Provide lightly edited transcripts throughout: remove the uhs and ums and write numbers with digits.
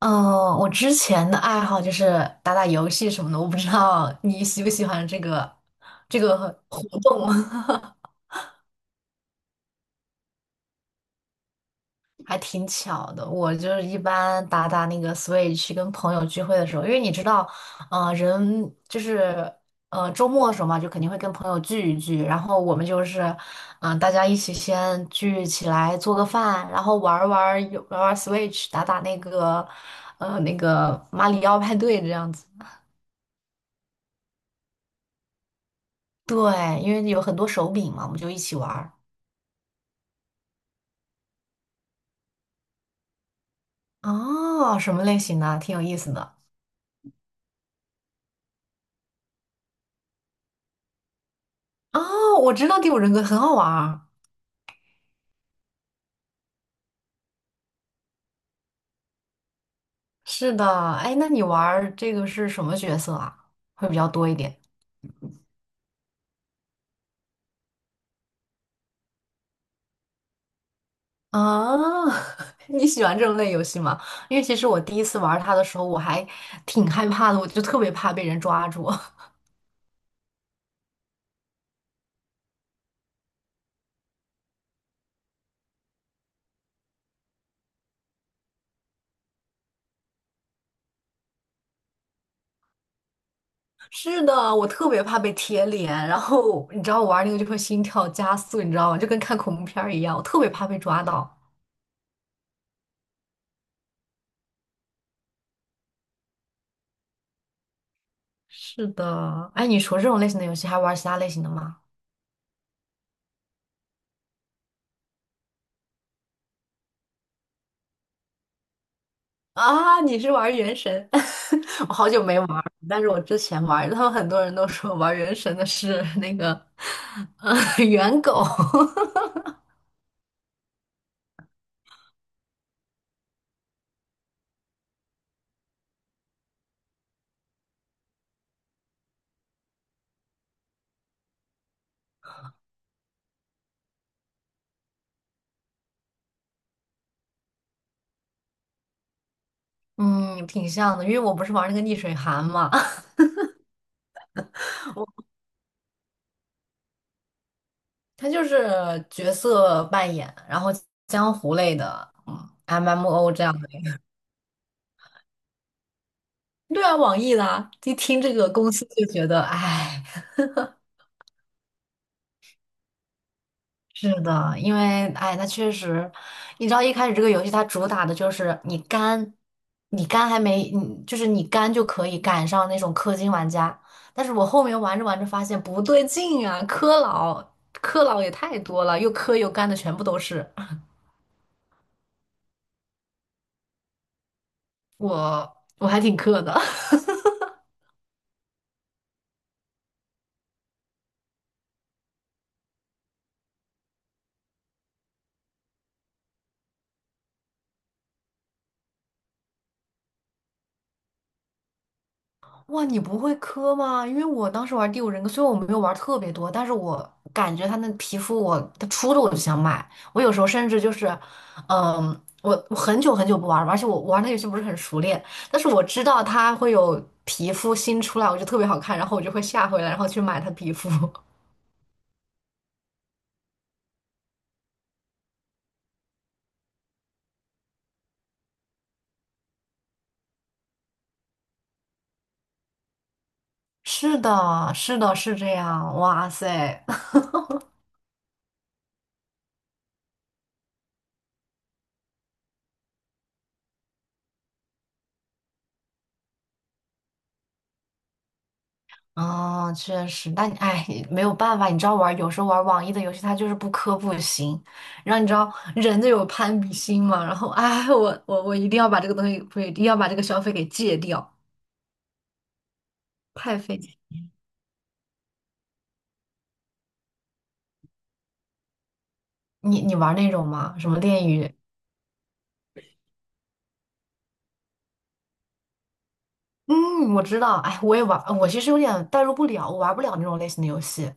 嗯，我之前的爱好就是打打游戏什么的，我不知道你喜不喜欢这个活动。还挺巧的。我就是一般打打那个 Switch，跟朋友聚会的时候，因为你知道，人就是周末的时候嘛，就肯定会跟朋友聚一聚，然后我们就是大家一起先聚起来做个饭，然后玩儿玩儿 Switch，打打那个马里奥派对这样子。对，因为有很多手柄嘛，我们就一起玩儿。哦，什么类型的？挺有意思的。哦，我知道第五人格很好玩儿。是的，哎，那你玩儿这个是什么角色啊？会比较多一点啊？你喜欢这种类游戏吗？因为其实我第一次玩它的时候，我还挺害怕的，我就特别怕被人抓住。是的，我特别怕被贴脸，然后你知道我玩那个就会心跳加速，你知道吗？就跟看恐怖片儿一样，我特别怕被抓到。是的，哎，你除了这种类型的游戏，还玩其他类型的吗？啊，你是玩原神？我好久没玩儿但是我之前玩儿，他们很多人都说玩原神的是 那个，呃，猿狗。嗯，挺像的，因为我不是玩那个逆水寒嘛。它就是角色扮演，然后江湖类的，嗯，MMO 这样的。对啊，网易的啊一听这个公司就觉得，哎。是的，因为哎，那确实，你知道一开始这个游戏它主打的就是你肝，你肝还没，你就是你肝就可以赶上那种氪金玩家，但是我后面玩着玩着发现不对劲啊，氪佬也太多了，又氪又肝的全部都是。我我还挺氪的。哇，你不会磕吗？因为我当时玩第五人格，虽然我没有玩特别多，但是我感觉它那皮肤我，它出的我就想买。我有时候甚至就是，嗯，我很久很久不玩了，而且我玩那游戏不是很熟练，但是我知道它会有皮肤新出来，我就特别好看，然后我就会下回来，然后去买它皮肤。是的，是的，是这样。哇塞！哦，确实，但你哎，没有办法，你知道玩，有时候玩网易的游戏，它就是不氪不行。然后你知道人就有攀比心嘛，然后哎，我一定要把这个东西，不是一定要把这个消费给戒掉，太费劲。你你玩那种吗？什么恋与？嗯，我知道，哎，我也玩，我其实有点代入不了，我玩不了那种类型的游戏。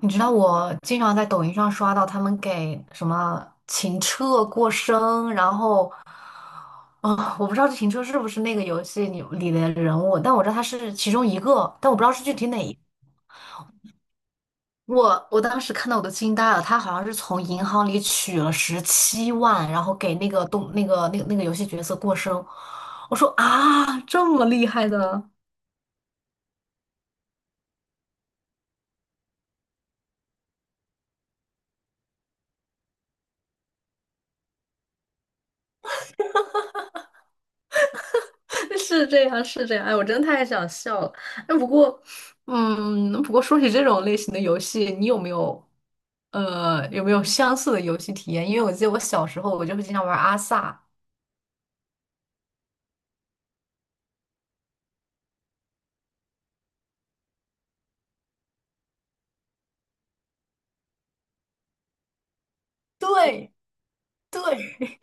你知道我经常在抖音上刷到他们给什么情车过生，然后我不知道这停车是不是那个游戏里的人物，但我知道他是其中一个，但我不知道是具体哪一个。我当时看到我都惊呆了，他好像是从银行里取了17万，然后给那个动那个那个那个游戏角色过生。我说啊，这么厉害的。是这样，是这样。哎，我真的太想笑了。哎，不过，嗯，不过说起这种类型的游戏，你有没有，有没有相似的游戏体验？因为我记得我小时候，我就会经常玩阿萨。对，对，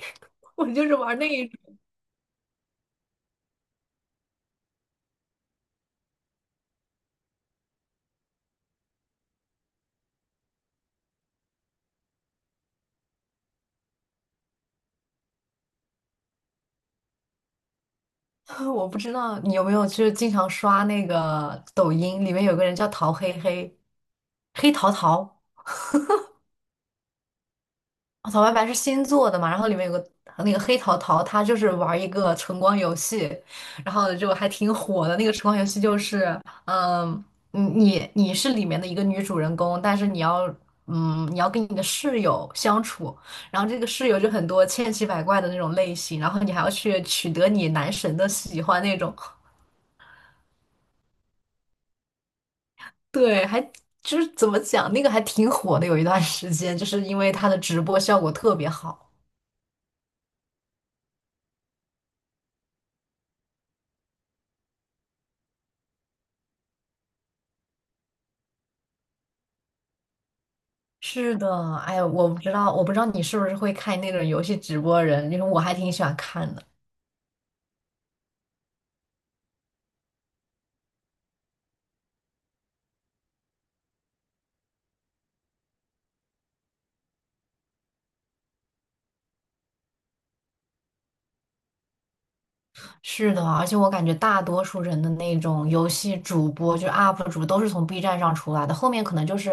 我就是玩那一种。我不知道你有没有，就是经常刷那个抖音，里面有个人叫陶黑黑，黑桃桃。哦草白白是新做的嘛，然后里面有个那个黑桃桃，他就是玩一个橙光游戏，然后就还挺火的。那个橙光游戏就是，嗯，你是里面的一个女主人公，但是你要，嗯，你要跟你的室友相处，然后这个室友就很多千奇百怪的那种类型，然后你还要去取得你男神的喜欢那种。对，还就是怎么讲，那个还挺火的，有一段时间，就是因为它的直播效果特别好。是的，哎呀，我不知道，我不知道你是不是会看那种游戏直播人，因为我还挺喜欢看的。是的，而且我感觉大多数人的那种游戏主播，就是 UP 主，都是从 B 站上出来的。后面可能就是，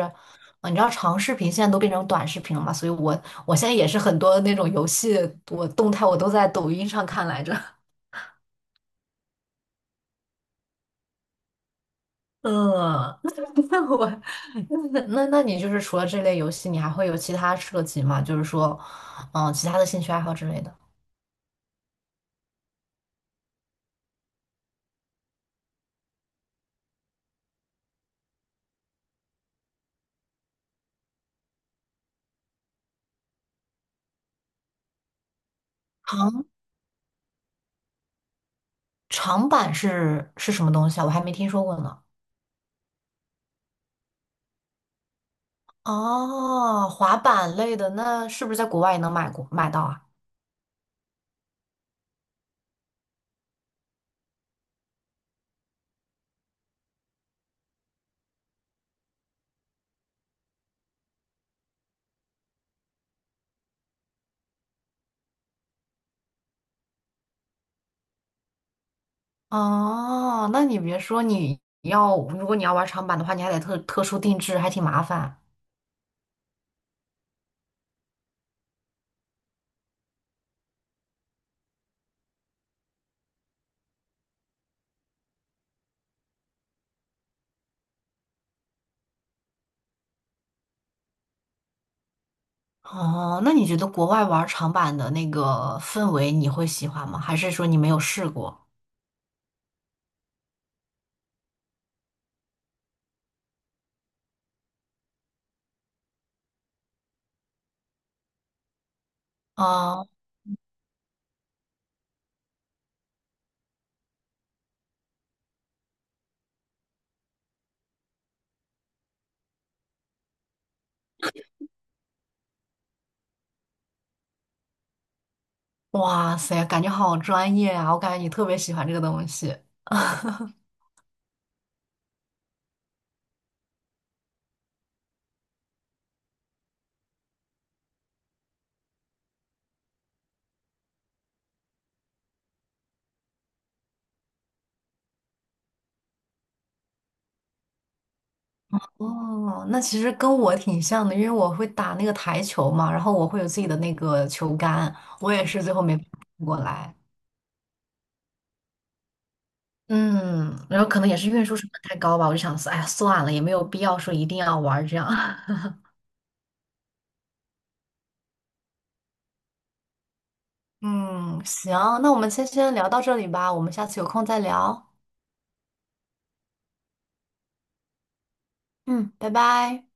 你知道长视频现在都变成短视频了嘛，所以我我现在也是很多那种游戏，我动态我都在抖音上看来着。嗯，那我那那那你就是除了这类游戏，你还会有其他涉及吗？就是说，嗯，其他的兴趣爱好之类的。长板是什么东西啊？我还没听说过呢。哦，滑板类的，那是不是在国外也能买过买到啊？哦，那你别说，你要如果你要玩长板的话，你还得特殊定制，还挺麻烦。哦，那你觉得国外玩长板的那个氛围你会喜欢吗？还是说你没有试过？啊，哇塞，感觉好专业啊！我感觉你特别喜欢这个东西。哦，那其实跟我挺像的，因为我会打那个台球嘛，然后我会有自己的那个球杆，我也是最后没搬过来。嗯，然后可能也是运输成本太高吧，我就想说，哎呀，算了，也没有必要说一定要玩儿这样。嗯，行，那我们先聊到这里吧，我们下次有空再聊。嗯，拜拜。